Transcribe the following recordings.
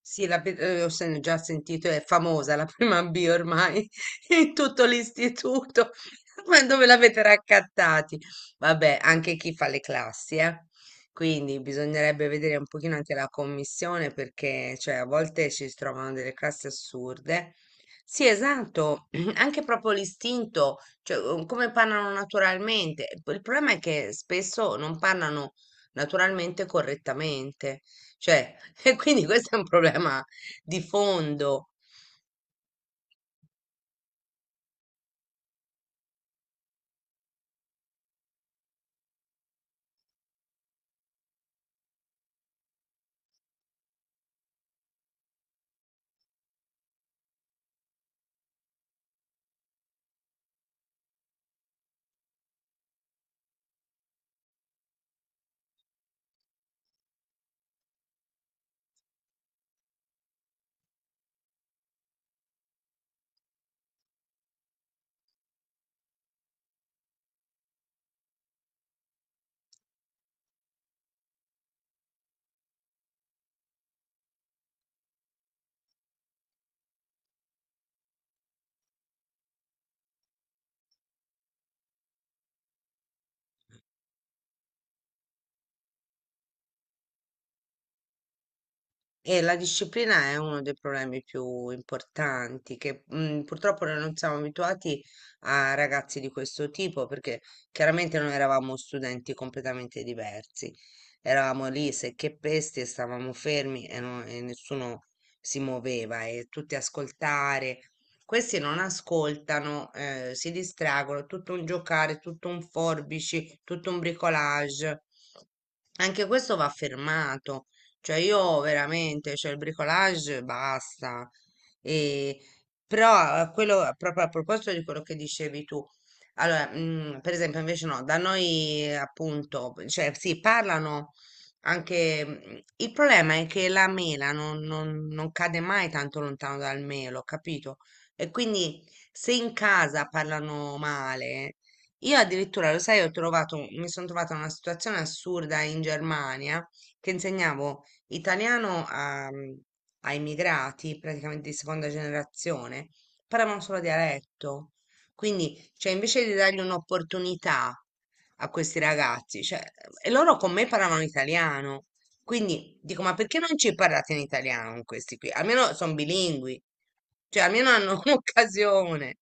Sì, già sentito, è famosa la prima B ormai in tutto l'istituto. Ma dove l'avete raccattati? Vabbè, anche chi fa le classi, eh. Quindi bisognerebbe vedere un pochino anche la commissione perché cioè, a volte ci si trovano delle classi assurde. Sì, esatto, anche proprio l'istinto, cioè come parlano naturalmente. Il problema è che spesso non parlano naturalmente e correttamente. Cioè, e quindi questo è un problema di fondo. E la disciplina è uno dei problemi più importanti che purtroppo noi non siamo abituati a ragazzi di questo tipo perché chiaramente noi eravamo studenti completamente diversi. Eravamo lì secche e pesti e stavamo fermi e, e nessuno si muoveva e tutti ascoltare. Questi non ascoltano, si distraggono, tutto un giocare, tutto un forbici, tutto un bricolage. Anche questo va fermato, cioè io veramente, cioè il bricolage basta. E, però quello, proprio a proposito di quello che dicevi tu, allora, per esempio invece no, da noi appunto, cioè sì, parlano anche, mm, il problema è che la mela non cade mai tanto lontano dal melo, capito? E quindi se in casa parlano male, io addirittura, lo sai, ho trovato, mi sono trovata in una situazione assurda in Germania che insegnavo italiano a, a immigrati, praticamente di seconda generazione, parlavano solo dialetto. Quindi, cioè, invece di dargli un'opportunità a questi ragazzi, cioè, e loro con me parlavano italiano. Quindi dico, ma perché non ci parlate in italiano con questi qui? Almeno sono bilingui, cioè almeno hanno un'occasione.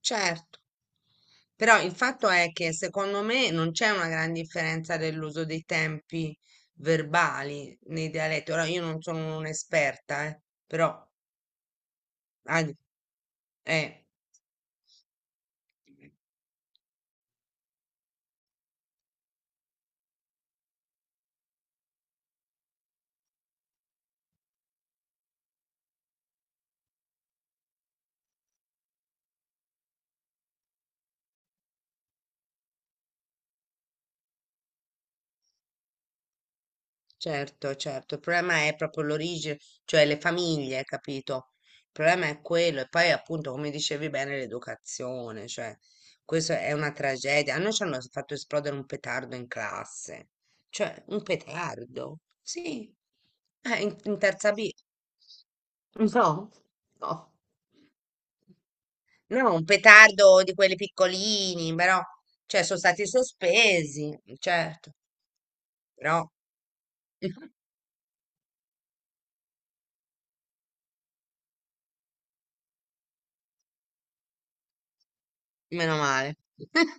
Certo, però il fatto è che secondo me non c'è una gran differenza dell'uso dei tempi verbali nei dialetti. Ora io non sono un'esperta, però ah, eh, certo, certo, il problema è proprio l'origine, cioè le famiglie, capito? Il problema è quello e poi appunto, come dicevi bene, l'educazione, cioè questa è una tragedia. A noi ci hanno fatto esplodere un petardo in classe, cioè un petardo, sì, eh, in terza B. No, no. No, un petardo di quelli piccolini, però, cioè, sono stati sospesi, certo, però meno male.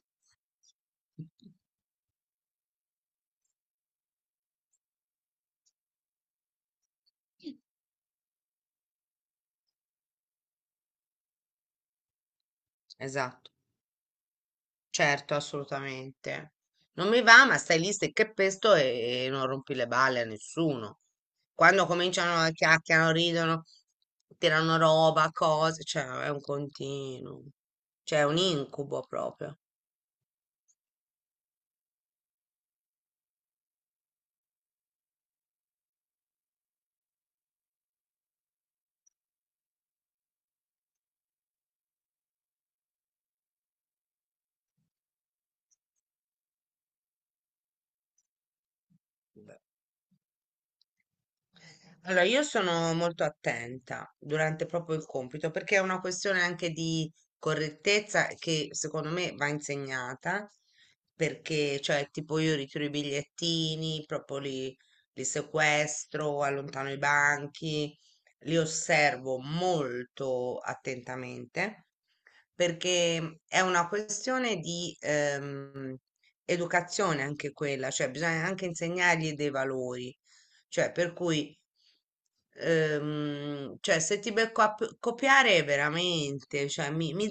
Esatto, certo, assolutamente. Non mi va, ma stai lì stai che pesto e non rompi le balle a nessuno. Quando cominciano a chiacchierano, ridono, tirano roba, cose, cioè è un continuo, cioè è un incubo proprio. Allora, io sono molto attenta durante proprio il compito perché è una questione anche di correttezza che secondo me va insegnata perché, cioè, tipo io ritiro i bigliettini, proprio li, li sequestro, allontano i banchi, li osservo molto attentamente perché è una questione di educazione anche quella, cioè bisogna anche insegnargli dei valori, cioè, per cui, cioè, se ti becco a copiare veramente, cioè, mi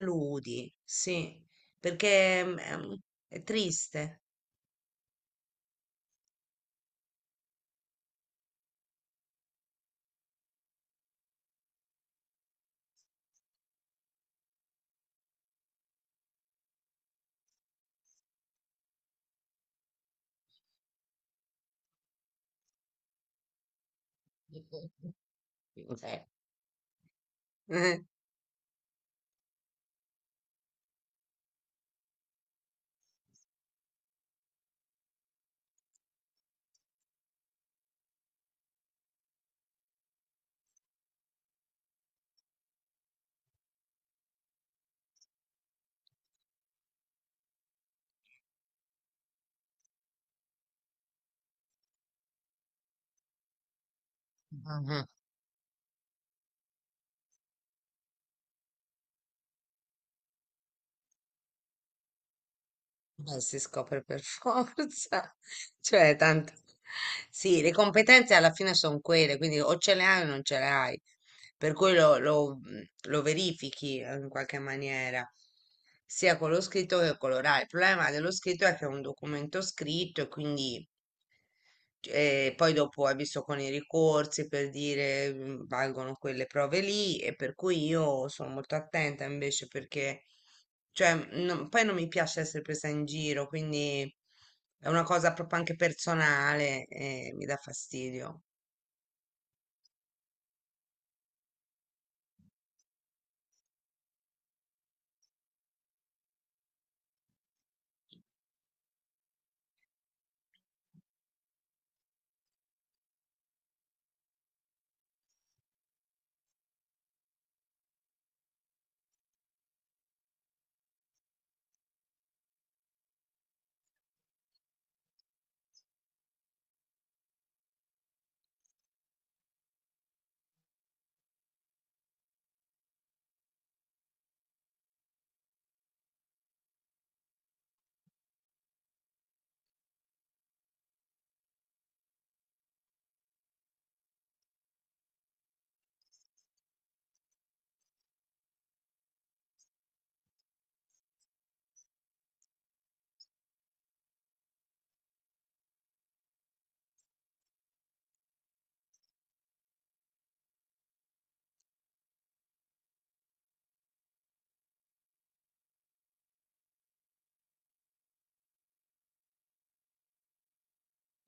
deludi, sì, perché è triste. Sì. Eh. Ma si scopre per forza, cioè tanto. Sì, le competenze alla fine sono quelle, quindi o ce le hai o non ce le hai, per cui lo verifichi in qualche maniera, sia con lo scritto che con l'orale. Il problema dello scritto è che è un documento scritto e quindi poi dopo hai visto con i ricorsi per dire valgono quelle prove lì e per cui io sono molto attenta invece perché cioè, poi non mi piace essere presa in giro, quindi è una cosa proprio anche personale e mi dà fastidio.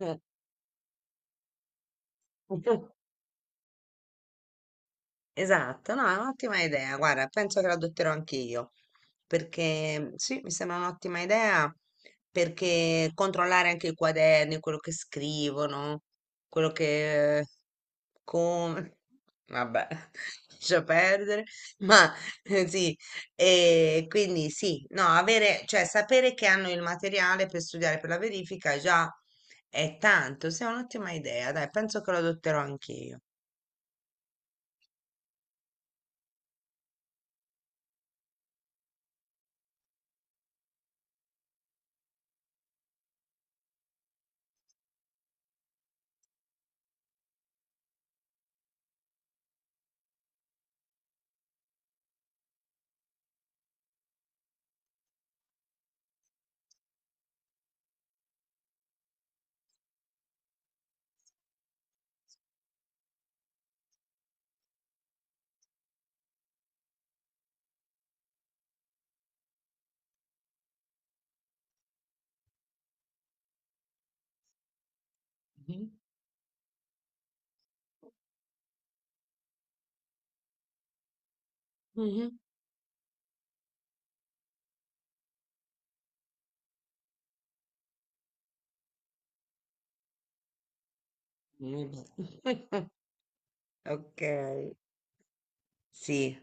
Eh. Esatto, no, è un'ottima idea. Guarda, penso che la adotterò anch'io, perché sì, mi sembra un'ottima idea, perché controllare anche i quaderni, quello che scrivono, quello che... come... vabbè, lascia perdere. Ma sì, e quindi sì, no, avere, cioè sapere che hanno il materiale per studiare per la verifica già è tanto, sì, è un'ottima idea, dai, penso che lo adotterò anch'io. Mhm. Mhm. Mm. Ok, sì,